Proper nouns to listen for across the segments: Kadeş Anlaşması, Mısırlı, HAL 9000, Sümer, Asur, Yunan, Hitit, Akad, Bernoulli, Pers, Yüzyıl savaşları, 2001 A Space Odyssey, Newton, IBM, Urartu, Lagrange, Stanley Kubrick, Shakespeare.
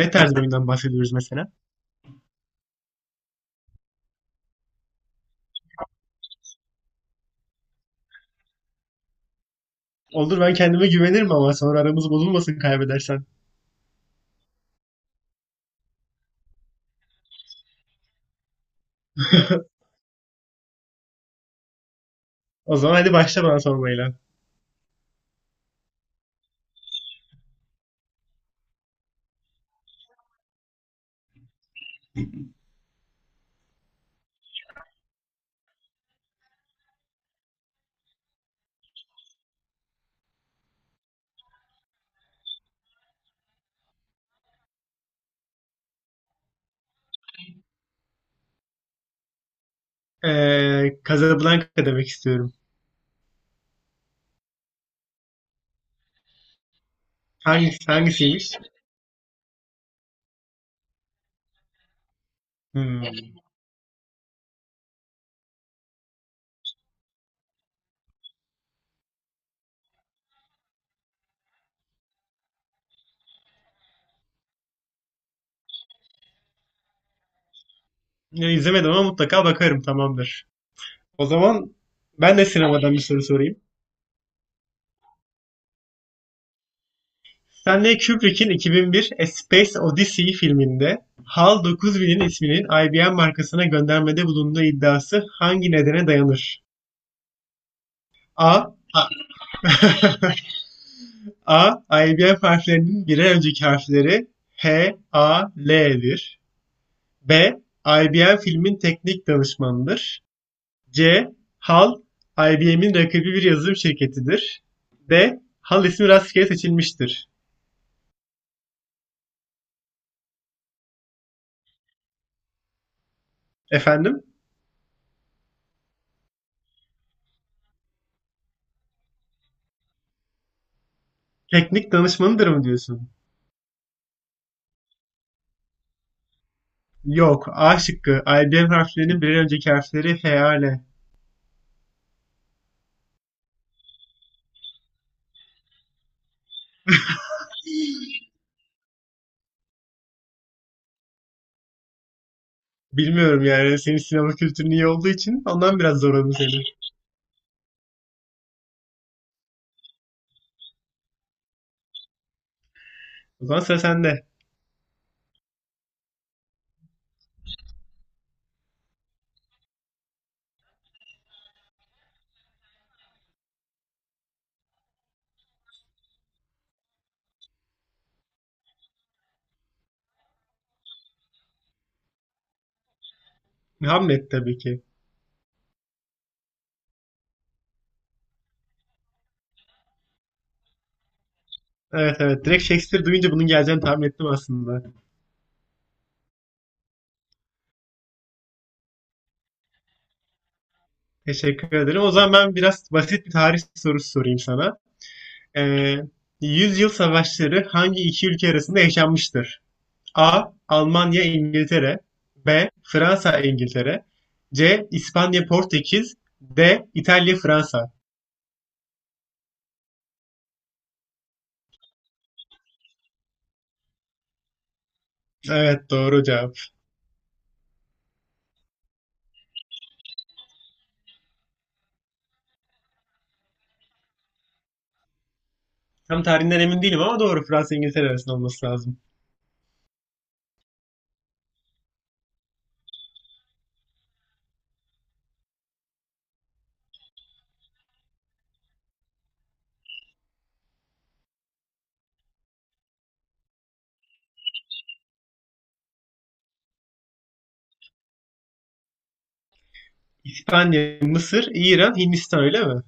Ne tarz bir oyundan bahsediyoruz mesela? Olur, ben kendime güvenirim ama sonra aramız bozulmasın kaybedersen. O zaman hadi başla bana sormayla. Casablanca demek istiyorum. Hangisi, hangisiymiş? Hmm. Ya, İzlemedim ama mutlaka bakarım, tamamdır. O zaman ben de sinemadan bir soru sorayım. Stanley Kubrick'in 2001 A Space Odyssey filminde HAL 9000'in isminin IBM markasına göndermede bulunduğu iddiası hangi nedene dayanır? A. A. ABM harflerinin birer önceki harfleri H, A, L'dir. B. IBM filmin teknik danışmanıdır. C. HAL, IBM'in rakibi bir yazılım şirketidir. D. HAL ismi rastgele seçilmiştir. Efendim? Teknik danışmanıdır mı diyorsun? Yok. A şıkkı. IBM harflerinin birer önceki harfleri H, A, L. Bilmiyorum yani. Senin sinema kültürün iyi olduğu için ondan biraz zorladım seni. O zaman sıra sende. Muhammed tabii ki. Evet evet. Direkt Shakespeare duyunca bunun geleceğini tahmin ettim aslında. Teşekkür ederim. O zaman ben biraz basit bir tarih sorusu sorayım sana. Ee, Yüzyıl savaşları hangi iki ülke arasında yaşanmıştır? A. Almanya İngiltere. B. Fransa İngiltere. C. İspanya Portekiz. D. İtalya Fransa. Evet, doğru cevap. Tam tarihinden emin değilim ama doğru, Fransa İngiltere arasında olması lazım. İspanya, Mısır, İran, Hindistan, öyle mi?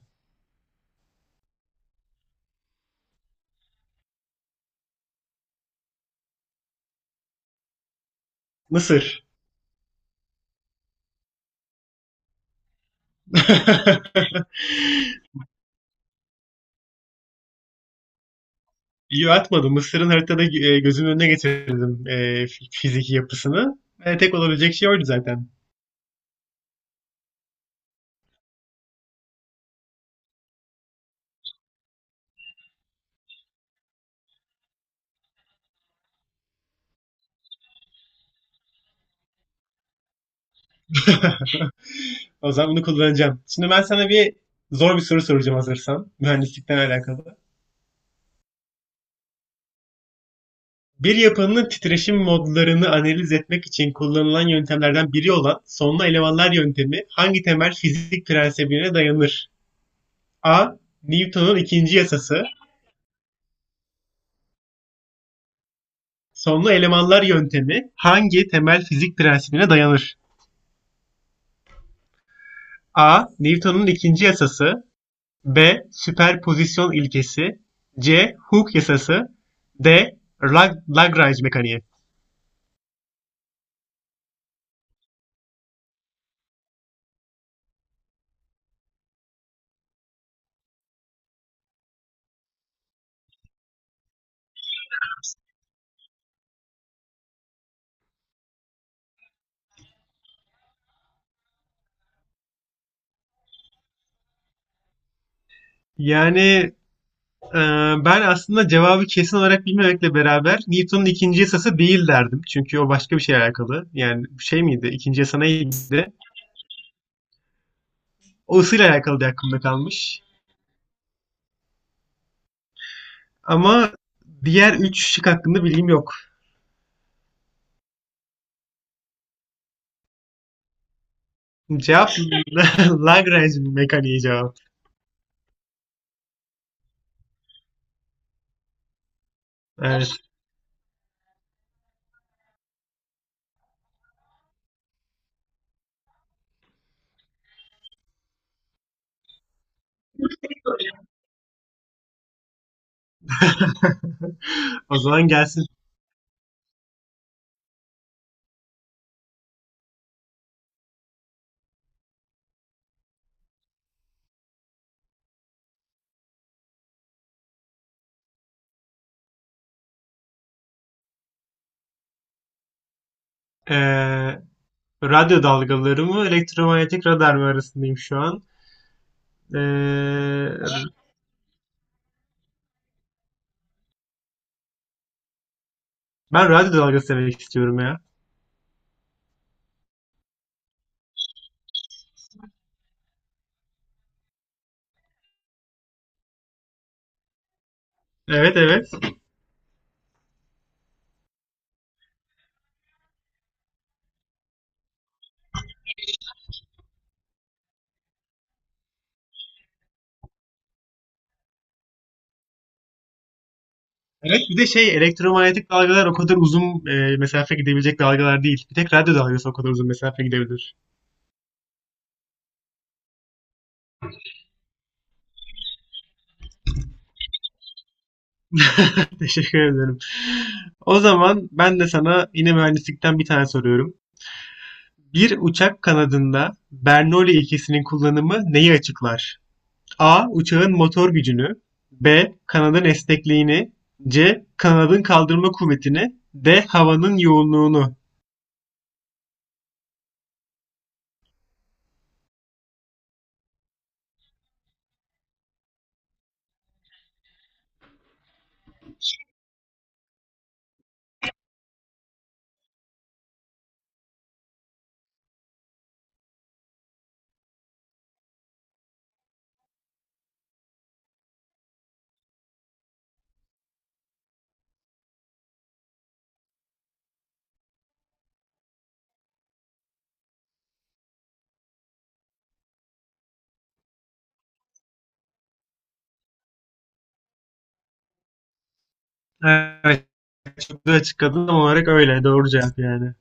Mısır. Yo, atmadım. Mısır'ın haritada gözümün önüne getirdim, fiziki yapısını. Tek olabilecek şey oydu zaten. O zaman bunu kullanacağım. Şimdi ben sana zor bir soru soracağım hazırsan. Mühendislikten alakalı. Bir yapının titreşim modlarını analiz etmek için kullanılan yöntemlerden biri olan sonlu elemanlar yöntemi hangi temel fizik prensibine dayanır? A. Newton'un ikinci yasası. Sonlu elemanlar yöntemi hangi temel fizik prensibine dayanır? A. Newton'un ikinci yasası. B. Süperpozisyon ilkesi. C. Hooke yasası. D. Lagrange mekaniği. Yani e, ben aslında cevabı kesin olarak bilmemekle beraber Newton'un ikinci yasası değil derdim. Çünkü o başka bir şeyle alakalı. Yani şey miydi? İkinci yasa neydi? O ısıyla alakalı diye aklımda kalmış. Ama diğer üç şık hakkında bilgim yok. Cevap Lagrange mekaniği cevap. Evet. O zaman gelsin. E, Radyo dalgaları mı, elektromanyetik radar mı arasındayım şu an. Ee, Ben radyo dalgası demek istiyorum ya. Evet evet. Evet, bir de şey, elektromanyetik dalgalar o kadar uzun mesafe gidebilecek dalgalar değil. Bir tek radyo dalgası o kadar uzun mesafe gidebilir. Teşekkür ederim. O zaman ben de sana yine mühendislikten bir tane soruyorum. Bir uçak kanadında Bernoulli ilkesinin kullanımı neyi açıklar? A. Uçağın motor gücünü. B. Kanadın esnekliğini. C. Kanadın kaldırma kuvvetini. D. Havanın yoğunluğunu. Evet, çok güzel açıkladın ama olarak öyle. Doğru cevap yani.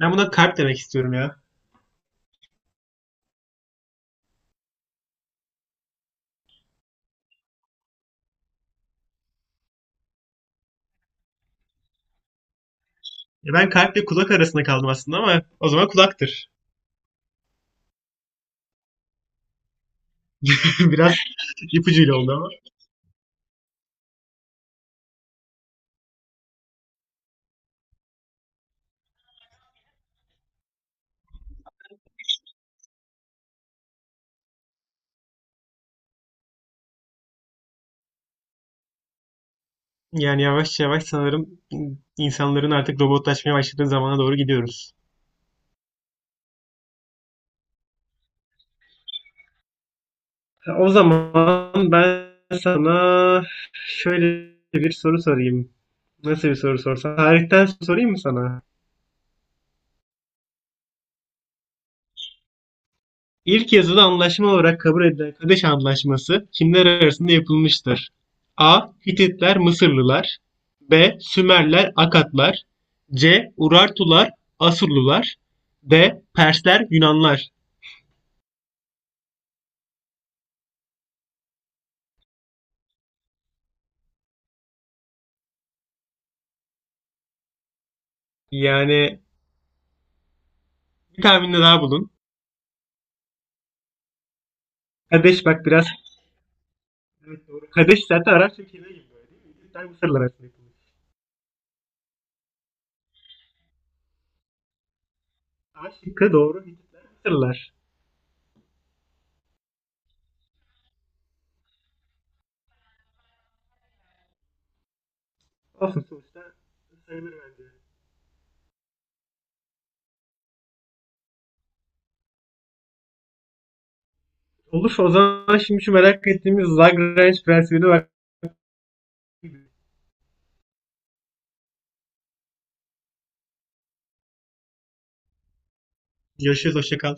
Ben buna kalp demek istiyorum ya. Ya ben kalple kulak arasında kaldım aslında ama o zaman kulaktır. Biraz ipucuyla oldu ama. Yani yavaş yavaş sanırım insanların artık robotlaşmaya başladığı zamana doğru gidiyoruz. O zaman ben sana şöyle bir soru sorayım. Nasıl bir soru sorsam? Tarihten sorayım mı sana? İlk yazılı anlaşma olarak kabul edilen Kadeş Anlaşması kimler arasında yapılmıştır? A. Hititler, Mısırlılar. B. Sümerler, Akatlar. C. Urartular, Asurlular. D. Persler, Yunanlar. Yani bir tahminde daha bulun. Kadeş, bak biraz. Evet, doğru. Kadeş zaten Arap ülkeleri gibi böyle, değil mi? Hititler, Mısırlar arasında yapılmış. A şıkkı doğru. Hititler, Mısırlılar. Olsun, sonuçta sayılır bence. Olur, o zaman şimdi şu merak ettiğimiz Lagrange prensibine bak. Görüşürüz, hoşça kal.